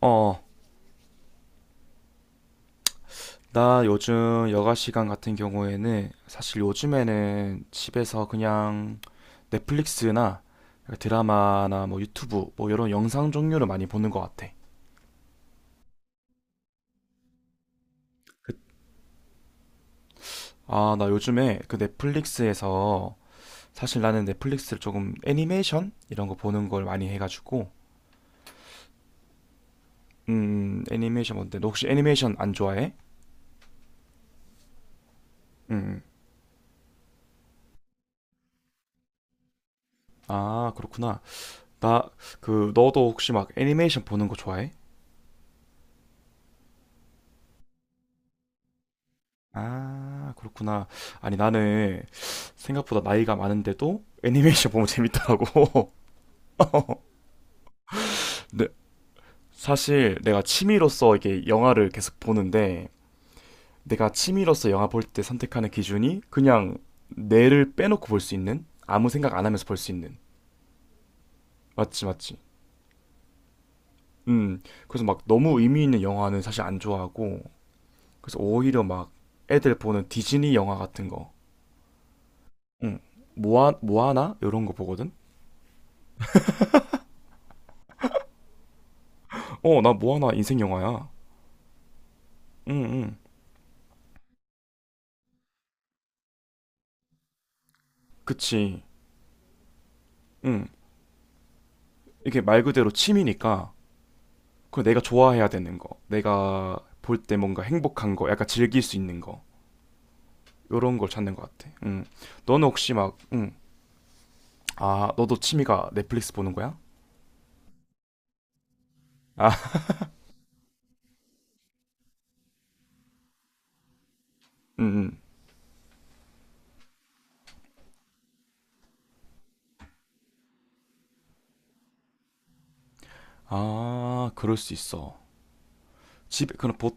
어, 나 요즘 여가 시간 같은 경우에는 사실 요즘에는 집에서 그냥 넷플릭스나 드라마나 뭐 유튜브 뭐 이런 영상 종류를 많이 보는 것 같아. 그- 아, 나 요즘에 그 넷플릭스에서 사실 나는 넷플릭스를 조금 애니메이션 이런 거 보는 걸 많이 해가지고 애니메이션 뭔데? 너 혹시 애니메이션 안 좋아해? 음, 아, 그렇구나. 나 그 너도 혹시 막 애니메이션 보는 거 좋아해? 아, 그렇구나. 아니, 나는 생각보다 나이가 많은데도 애니메이션 보면 재밌더라고. 네, 사실 내가 취미로서 이게 영화를 계속 보는데 내가 취미로서 영화 볼 때 선택하는 기준이 그냥 뇌를 빼놓고 볼 수 있는 아무 생각 안 하면서 볼 수 있는 맞지 맞지 음 그래서 막 너무 의미 있는 영화는 사실 안 좋아하고 그래서 오히려 막 애들 보는 디즈니 영화 같은 거 응. 모아나 이런 거 보거든 어 나 모아나 인생 영화야 응, 응. 그치. 응. 이게 말 그대로 취미니까, 그 내가 좋아해야 되는 거, 내가 볼 때 뭔가 행복한 거, 약간 즐길 수 있는 거, 요런 걸 찾는 것 같아. 응. 너는 혹시 막, 응. 아, 너도 취미가 넷플릭스 보는 거야? 아, 응, 응. 아, 그럴 수 있어. 집에, 그럼 보,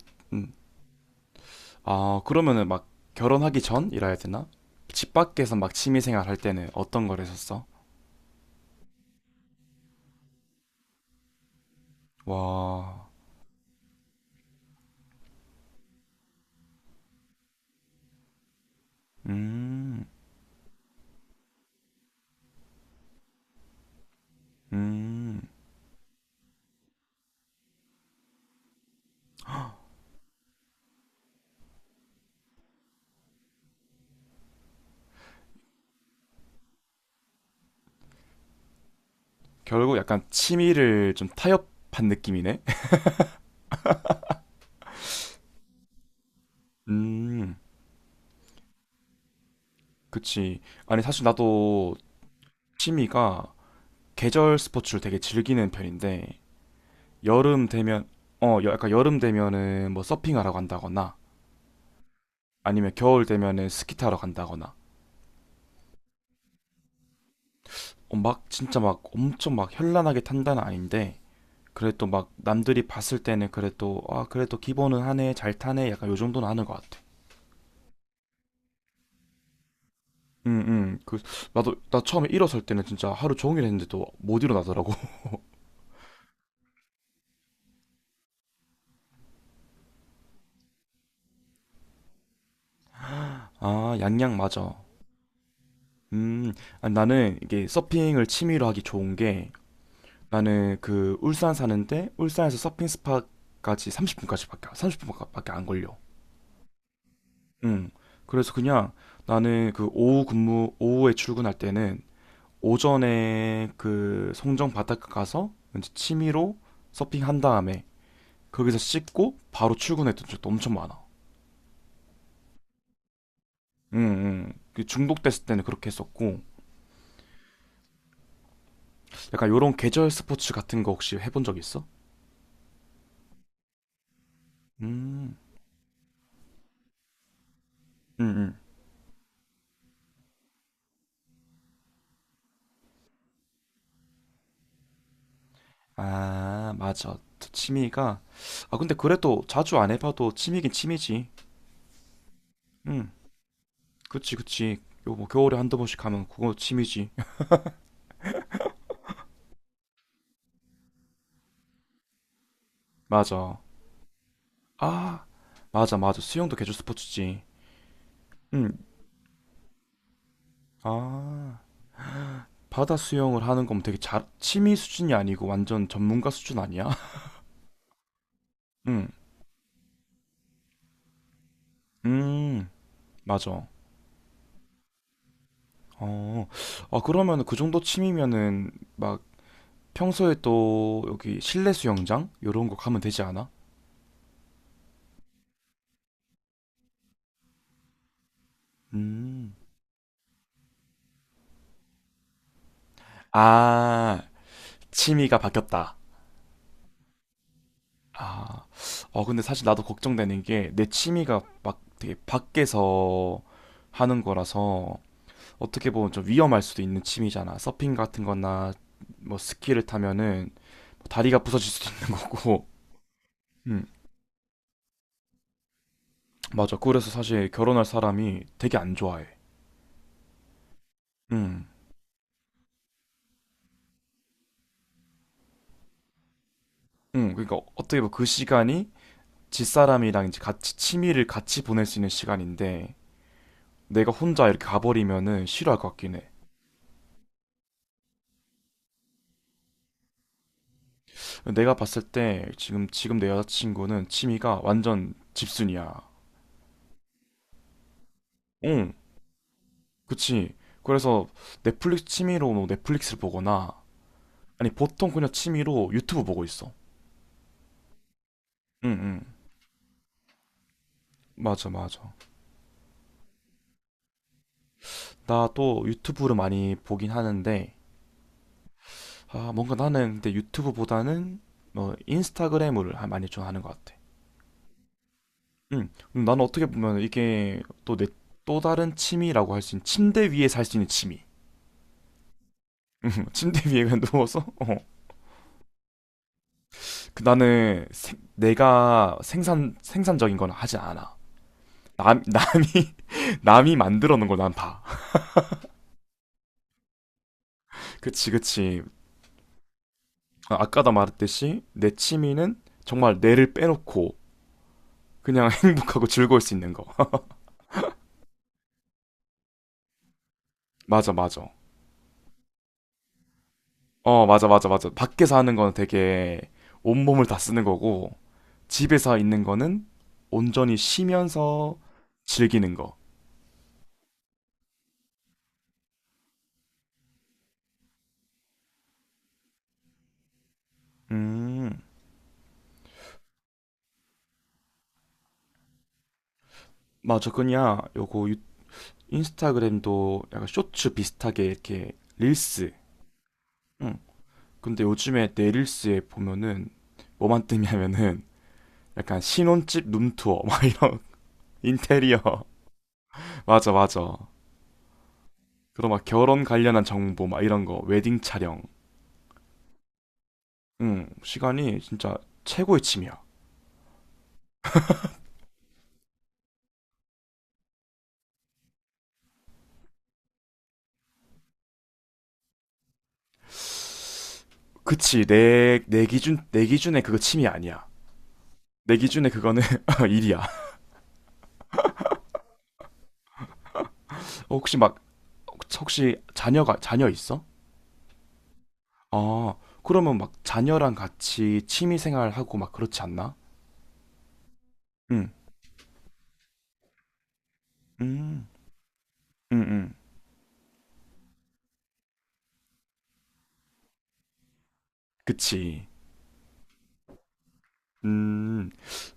아, 그러면은 막 결혼하기 전이라 해야 되나? 집 밖에서 막 취미생활 할 때는 어떤 걸 했었어? 와, 음, 음. 결국 약간 취미를 좀 타협한 느낌이네. 음, 그치. 아니, 사실 나도 취미가 계절 스포츠를 되게 즐기는 편인데, 여름 되면, 약간 여름 되면은 뭐 서핑하러 간다거나, 아니면 겨울 되면은 스키 타러 간다거나, 어, 막 진짜 막 엄청 막 현란하게 탄다는 아닌데, 그래도 막 남들이 봤을 때는 그래도, 아, 그래도 기본은 하네, 잘 타네, 약간 요 정도는 하는 것 같아. 응, 응. 나 처음에 일어설 때는 진짜 하루 종일 했는데도 못 일어나더라고. 아, 양양 맞아. 음, 아니, 나는 이게 서핑을 취미로 하기 좋은 게 나는 그 울산 사는데 울산에서 서핑 스팟까지 30분까지밖에 30분밖에 안 걸려. 음. 그래서 그냥 나는 그 오후에 출근할 때는 오전에 그 송정 바닷가 가서 이제 취미로 서핑 한 다음에 거기서 씻고 바로 출근했던 적도 엄청 많아. 음, 그 중독됐을 때는 그렇게 했었고 약간 요런 계절 스포츠 같은 거 혹시 해본 적 있어? 음, 음, 음. 아, 맞아. 저 취미가. 아, 근데 그래도 자주 안 해봐도 취미긴 취미지. 음, 그치, 그치. 요, 뭐, 겨울에 한두 번씩 가면 그거 취미지. 맞아. 아, 맞아, 맞아. 수영도 계절 스포츠지. 음, 아, 바다 수영을 하는 거면 되게 잘, 취미 수준이 아니고 완전 전문가 수준 아니야? 음, 음, 맞아. 어, 아, 그러면 그 정도 취미면은 막 평소에 또 여기 실내 수영장? 요런 거 가면 되지 않아? 음. 아, 취미가 바뀌었다. 아, 어, 근데 사실 나도 걱정되는 게 내 취미가 막 되게 밖에서 하는 거라서 어떻게 보면 좀 위험할 수도 있는 취미잖아. 서핑 같은 거나 뭐 스키를 타면은 뭐 다리가 부서질 수도 있는 거고. 음, 맞아. 그래서 사실 결혼할 사람이 되게 안 좋아해. 음, 그러니까 어떻게 보면 그 시간이 집사람이랑 이제 같이 취미를 같이 보낼 수 있는 시간인데 내가 혼자 이렇게 가버리면은 싫어할 것 같긴 해. 내가 봤을 때 지금 내 여자친구는 취미가 완전 집순이야. 응, 그치. 그래서 넷플릭스 취미로 뭐 넷플릭스를 보거나 아니 보통 그냥 취미로 유튜브 보고 있어. 응, 응. 맞아, 맞아. 나도 유튜브를 많이 보긴 하는데 아 뭔가 나는 근데 유튜브보다는 뭐 인스타그램을 많이 좀 하는 것 같아. 응. 그럼 나는 어떻게 보면 이게 또 내 또 다른 취미라고 할 수 있는 침대 위에서 할 수 있는 취미. 침대 위에 그냥 누워서 그 나는 내가 생산적인 건 하지 않아. 남 남이 남이 만들어 놓은 걸 난 봐. 그치 그치. 아, 아까도 말했듯이 내 취미는 정말 뇌를 빼놓고 그냥 행복하고 즐거울 수 있는 거. 맞아 맞아. 어 맞아 맞아 맞아. 밖에서 하는 건 되게 온몸을 다 쓰는 거고 집에서 있는 거는 온전히 쉬면서 즐기는 거. 음 맞아 그냥 요거 인스타그램도 약간 쇼츠 비슷하게 이렇게 릴스. 응. 근데 요즘에 내 릴스에 보면은 뭐만 뜨냐면은 약간 신혼집 룸투어 막 이런 인테리어. 맞아, 맞아. 그리고 막 결혼 관련한 정보 막 이런 거 웨딩 촬영. 응. 시간이 진짜 최고의 취미야. 그치 내 기준에 그거 취미 아니야. 내 기준에 그거는 일이야. 혹시 막 혹시 자녀 있어? 아, 그러면 막 자녀랑 같이 취미 생활하고 막 그렇지 않나? 응, 음, 응, 응. 그치. 음,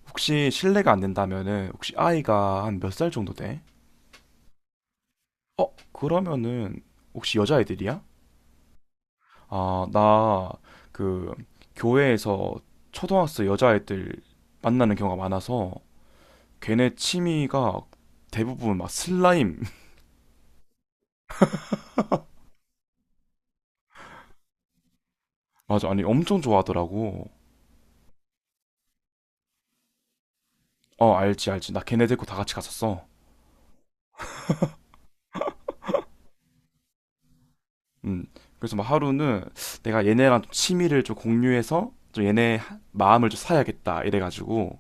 혹시 실례가 안 된다면은, 혹시 아이가 한 몇 살 정도 돼? 어, 그러면은, 혹시 여자애들이야? 아, 나, 그, 교회에서 초등학생 여자애들 만나는 경우가 많아서, 걔네 취미가 대부분 막 슬라임. 맞아, 아니, 엄청 좋아하더라고. 어, 알지, 알지. 나 걔네 데리고 다 같이 갔었어. 음, 그래서 막 하루는 내가 얘네랑 좀 취미를 좀 공유해서 좀 얘네 마음을 좀 사야겠다 이래가지고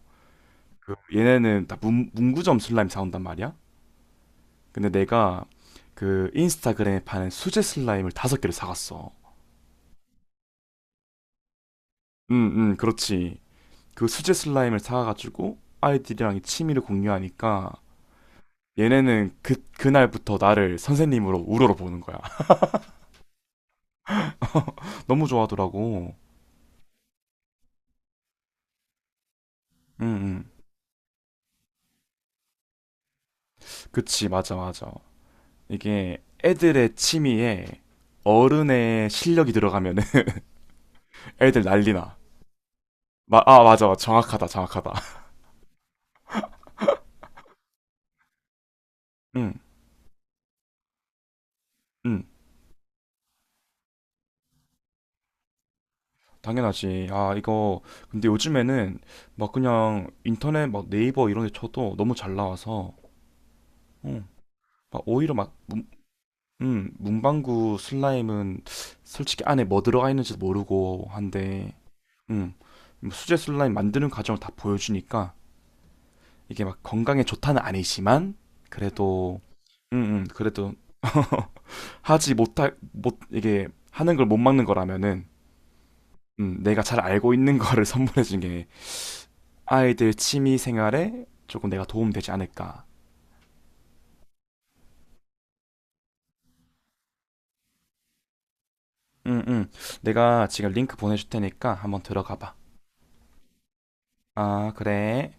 그 얘네는 다 문구점 슬라임 사온단 말이야. 근데 내가 그 인스타그램에 파는 수제 슬라임을 다섯 개를 사갔어. 응응, 그렇지. 그 수제 슬라임을 사가지고 아이들이랑 이 취미를 공유하니까 얘네는 그날부터 나를 선생님으로 우러러 보는 거야. 너무 좋아하더라고. 응응, 그치, 맞아, 맞아. 이게 애들의 취미에 어른의 실력이 들어가면은 애들 난리나. 아 맞아 맞아. 정확하다 정확하다. 응. 응. 당연하지. 아 이거 근데 요즘에는 막 그냥 인터넷 막 네이버 이런 데 쳐도 너무 잘 나와서 응. 막 오히려 막 응, 문방구 슬라임은 솔직히 안에 뭐 들어가 있는지도 모르고 한데 응 뭐 수제 슬라임 만드는 과정을 다 보여주니까 이게 막 건강에 좋다는 아니지만 그래도 그래도 하지 못할 못 이게 하는 걸 못 막는 거라면은 내가 잘 알고 있는 거를 선물해 준 게 아이들 취미 생활에 조금 내가 도움 되지 않을까. 음, 음. 내가 지금 링크 보내줄 테니까 한번 들어가 봐. 아, 그래.